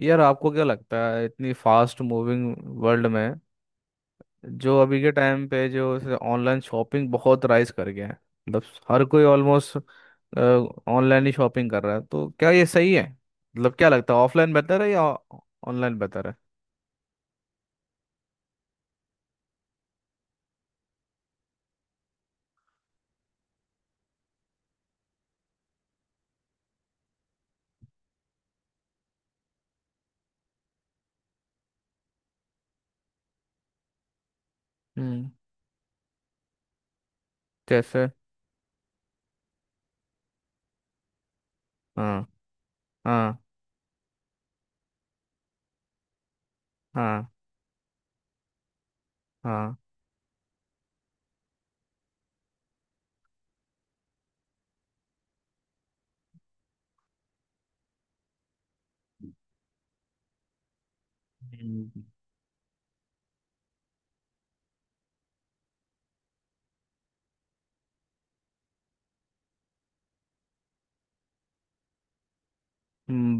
यार आपको क्या लगता है इतनी फास्ट मूविंग वर्ल्ड में जो अभी के टाइम पे जो ऑनलाइन शॉपिंग बहुत राइज कर गया है। मतलब हर कोई ऑलमोस्ट ऑनलाइन ही शॉपिंग कर रहा है तो क्या ये सही है? मतलब क्या लगता है ऑफलाइन बेहतर है या ऑनलाइन बेहतर है? हम्म। जैसे हाँ हाँ हाँ हाँ हम्म।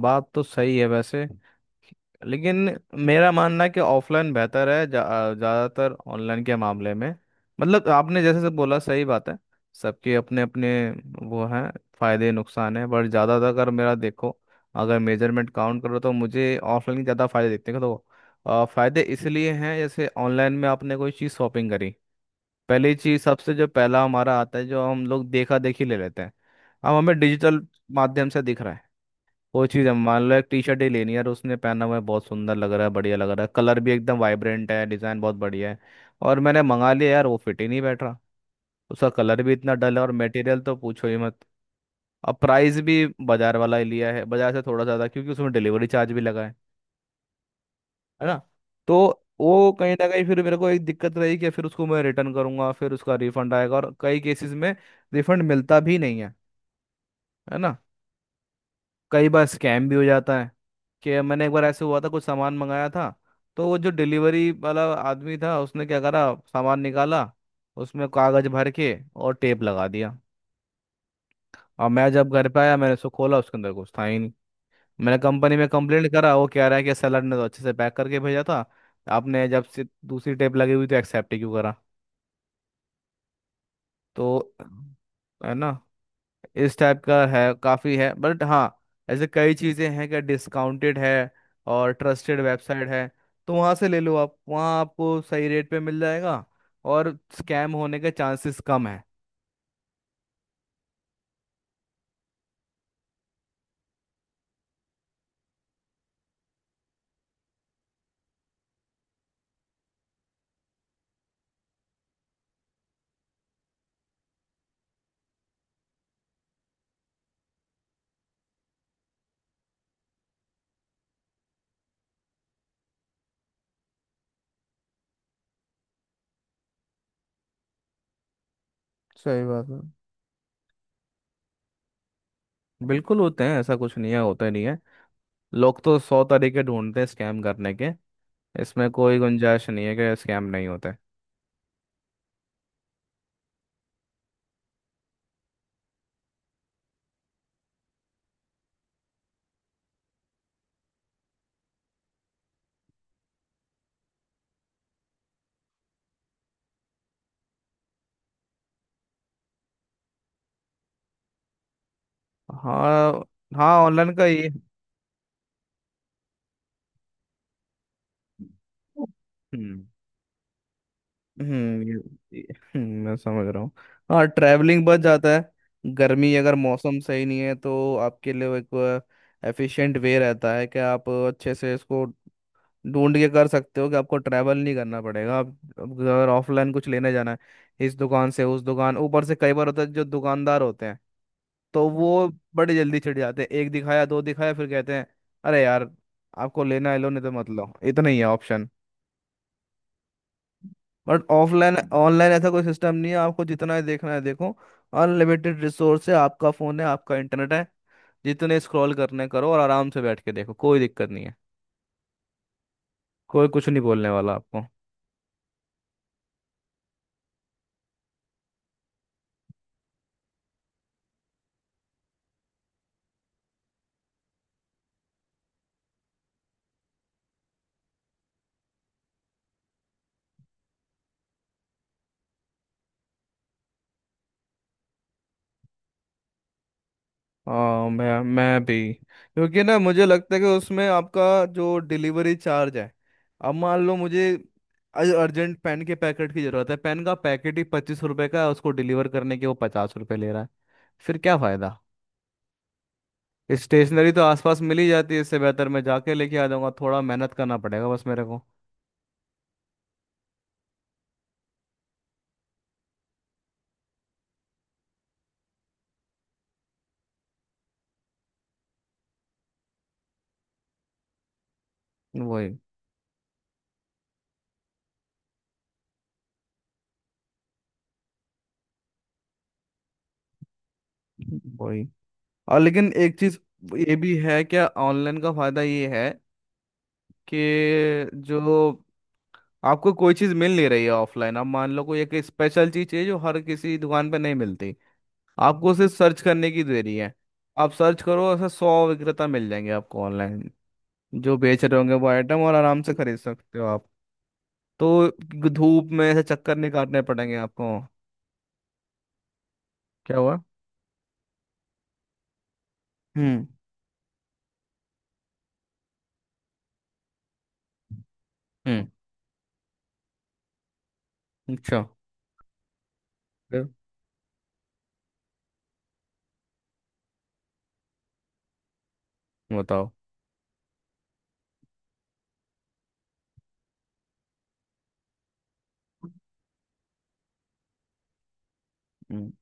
बात तो सही है वैसे, लेकिन मेरा मानना है कि ऑफलाइन बेहतर है ज़्यादातर ऑनलाइन के मामले में। मतलब आपने जैसे से बोला सही बात है। सबके अपने अपने वो हैं फायदे नुकसान हैं बट ज़्यादातर अगर मेरा देखो अगर मेजरमेंट काउंट करो तो मुझे ऑफलाइन के ज़्यादा फायदे दिखते हैं तो फायदे इसलिए हैं। जैसे ऑनलाइन में आपने कोई चीज़ शॉपिंग करी पहली चीज़ सबसे जो पहला हमारा आता है जो हम लोग देखा देखी ले लेते हैं। अब हमें डिजिटल माध्यम से दिख रहा है कोई चीज़ है मान लो एक टी शर्ट ही लेनी है और उसने पहना हुआ है बहुत सुंदर लग रहा है बढ़िया लग रहा है कलर भी एकदम वाइब्रेंट है डिज़ाइन बहुत बढ़िया है। और मैंने मंगा लिया यार वो फिट ही नहीं बैठ रहा उसका कलर भी इतना डल है और मटेरियल तो पूछो ही मत। अब प्राइस भी बाजार वाला ही लिया है बाजार से थोड़ा ज़्यादा क्योंकि उसमें डिलीवरी चार्ज भी लगा है। है ना? तो वो कहीं ना कहीं फिर मेरे को एक दिक्कत रही कि फिर उसको मैं रिटर्न करूंगा फिर उसका रिफंड आएगा और कई केसेस में रिफंड मिलता भी नहीं है। है ना? कई बार स्कैम भी हो जाता है कि मैंने एक बार ऐसे हुआ था कुछ सामान मंगाया था तो वो जो डिलीवरी वाला आदमी था उसने क्या करा सामान निकाला उसमें कागज भर के और टेप लगा दिया। और मैं जब घर पे आया मैंने उसको खोला उसके अंदर कुछ था ही नहीं। मैंने कंपनी में कंप्लेंट करा वो कह रहा है कि सेलर ने तो अच्छे से पैक करके भेजा था। आपने जब से दूसरी टेप लगी हुई तो एक्सेप्ट ही क्यों करा? तो है ना। इस टाइप का है काफ़ी है बट हाँ ऐसे कई चीज़ें हैं कि डिस्काउंटेड है और ट्रस्टेड वेबसाइट है तो वहाँ से ले लो आप वहाँ आपको सही रेट पे मिल जाएगा और स्कैम होने के चांसेस कम है। सही बात है। बिल्कुल होते हैं ऐसा कुछ नहीं है होते नहीं है। लोग तो 100 तरीके ढूंढते हैं स्कैम करने के। इसमें कोई गुंजाइश नहीं है कि स्कैम नहीं होते। हाँ हाँ ऑनलाइन का ये। हम्म मैं समझ रहा हूँ। हाँ ट्रैवलिंग बच जाता है गर्मी अगर मौसम सही नहीं है तो आपके लिए वो एक एफिशिएंट वे रहता है कि आप अच्छे से इसको ढूंढ के कर सकते हो कि आपको ट्रैवल नहीं करना पड़ेगा। आप अगर ऑफलाइन कुछ लेने जाना है इस दुकान से उस दुकान ऊपर से कई बार होता है जो दुकानदार होते हैं तो वो बड़े जल्दी छिड़ जाते हैं एक दिखाया दो दिखाया फिर कहते हैं अरे यार आपको लेना है लो नहीं तो मत लो इतना ही है ऑप्शन। बट ऑफलाइन ऑनलाइन ऐसा कोई सिस्टम नहीं है आपको जितना ही देखना है देखो। अनलिमिटेड रिसोर्स है आपका फोन है आपका इंटरनेट है जितने स्क्रॉल करने करो और आराम से बैठ के देखो कोई दिक्कत नहीं है। कोई कुछ नहीं बोलने वाला आपको। हाँ मैं भी क्योंकि ना मुझे लगता है कि उसमें आपका जो डिलीवरी चार्ज है अब मान लो मुझे अर्जेंट पेन के पैकेट की जरूरत है पेन का पैकेट ही 25 रुपए का है उसको डिलीवर करने के वो 50 रुपए ले रहा है। फिर क्या फायदा? स्टेशनरी तो आसपास मिल ही जाती है इससे बेहतर मैं जाके लेके आ जाऊंगा थोड़ा मेहनत करना पड़ेगा बस मेरे को। वही। वही और लेकिन एक चीज ये भी है क्या ऑनलाइन का फायदा ये है कि जो आपको कोई चीज मिल नहीं रही है ऑफलाइन आप मान लो कोई एक स्पेशल चीज चाहिए जो हर किसी दुकान पे नहीं मिलती आपको सिर्फ सर्च करने की देरी है आप सर्च करो ऐसे 100 विक्रेता मिल जाएंगे आपको ऑनलाइन जो बेच रहे होंगे वो आइटम और आराम से खरीद सकते हो आप। तो धूप में ऐसे चक्कर नहीं काटने पड़ेंगे आपको। क्या हुआ? हम्म हम्म अच्छा। फिर? बताओ। हम्म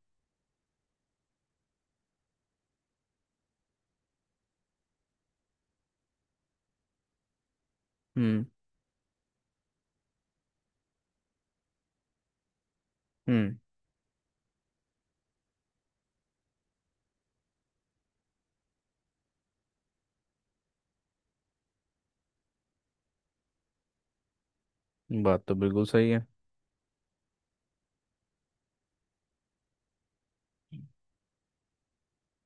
हम्म हम्म। बात तो बिल्कुल सही है।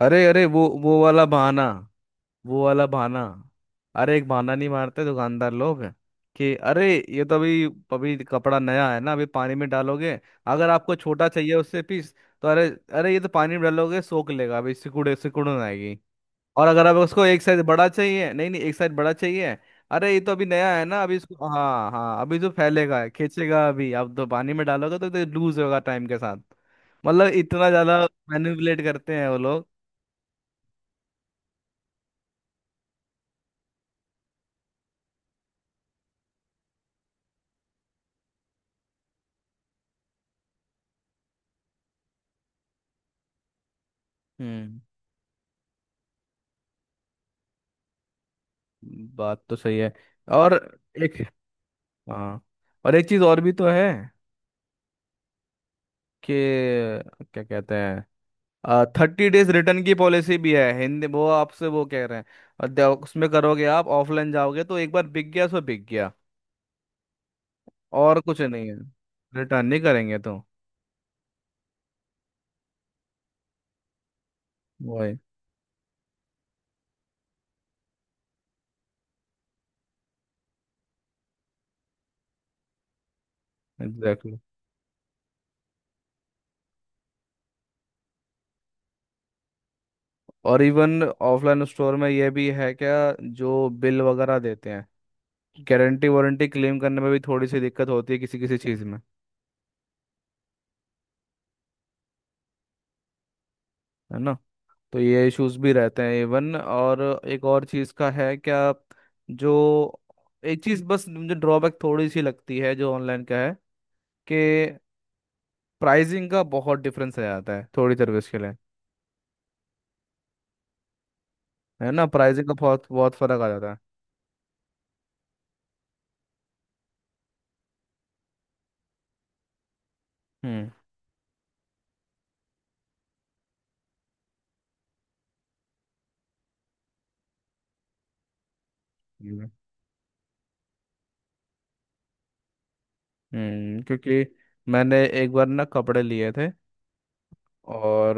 अरे अरे वो वाला बहाना। वो वाला बहाना। अरे एक बहाना नहीं मारते दुकानदार लोग कि अरे ये तो अभी अभी कपड़ा नया है ना अभी पानी में डालोगे अगर आपको छोटा चाहिए उससे पीस तो अरे अरे ये तो पानी में डालोगे सोख लेगा अभी सिकुड़े सिकुड़न आएगी। और अगर आप उसको एक साइज बड़ा चाहिए नहीं नहीं एक साइज बड़ा चाहिए अरे ये तो अभी नया है ना अभी इसको हाँ हाँ अभी जो फैलेगा खींचेगा अभी आप तो पानी में डालोगे तो लूज होगा टाइम के साथ। मतलब इतना ज्यादा मैनिपुलेट करते हैं वो लोग। हम्म। बात तो सही है और एक हाँ और एक चीज और भी तो है कि क्या कहते हैं 30 डेज रिटर्न की पॉलिसी भी है हिंदी वो आपसे वो कह रहे हैं और उसमें करोगे आप ऑफलाइन जाओगे तो एक बार बिक गया सो बिक गया। और कुछ नहीं है रिटर्न नहीं करेंगे तो। वही। एग्जैक्टली और इवन ऑफलाइन स्टोर में ये भी है क्या जो बिल वगैरह देते हैं गारंटी वारंटी क्लेम करने में भी थोड़ी सी दिक्कत होती है किसी किसी चीज़ में। है ना? तो ये इश्यूज भी रहते हैं इवन। और एक और चीज़ का है क्या जो एक चीज़ बस मुझे ड्रॉबैक थोड़ी सी लगती है जो ऑनलाइन का है कि प्राइसिंग का बहुत डिफरेंस आ जाता है थोड़ी सर्विस के लिए। है ना? प्राइसिंग का बहुत बहुत फर्क आ जाता है। हम्म क्योंकि मैंने एक बार ना कपड़े लिए थे और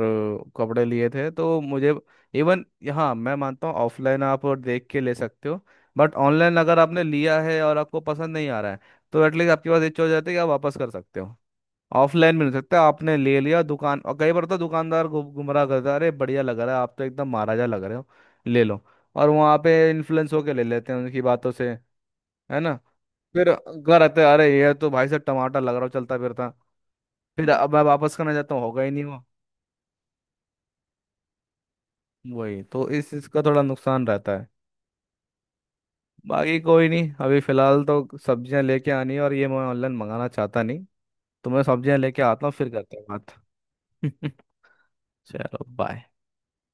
कपड़े लिए थे तो मुझे इवन हाँ मैं मानता हूँ ऑफलाइन आप और देख के ले सकते हो बट ऑनलाइन अगर आपने लिया है और आपको पसंद नहीं आ रहा है तो एटलीस्ट आपके पास ये चीज़ हो जाती है कि आप वापस कर सकते हो। ऑफलाइन मिल सकता है आपने ले लिया दुकान और कई बार तो दुकानदार गुमराह करता है अरे बढ़िया लग रहा है आप तो एकदम महाराजा लग रहे हो ले लो। और वहाँ पे इन्फ्लुएंस होके ले लेते हैं उनकी बातों से। है ना? फिर घर आते हैं, अरे ये तो भाई साहब टमाटर लग रहा हो चलता फिरता फिर अब मैं वापस करना चाहता हूँ होगा ही नहीं वो। वही तो इस चीज का थोड़ा नुकसान रहता है। बाकी कोई नहीं अभी फिलहाल तो सब्जियां लेके आनी है और ये मैं ऑनलाइन मंगाना चाहता नहीं। तो मैं सब्जियां लेके आता हूँ फिर करते हैं बात। चलो बाय।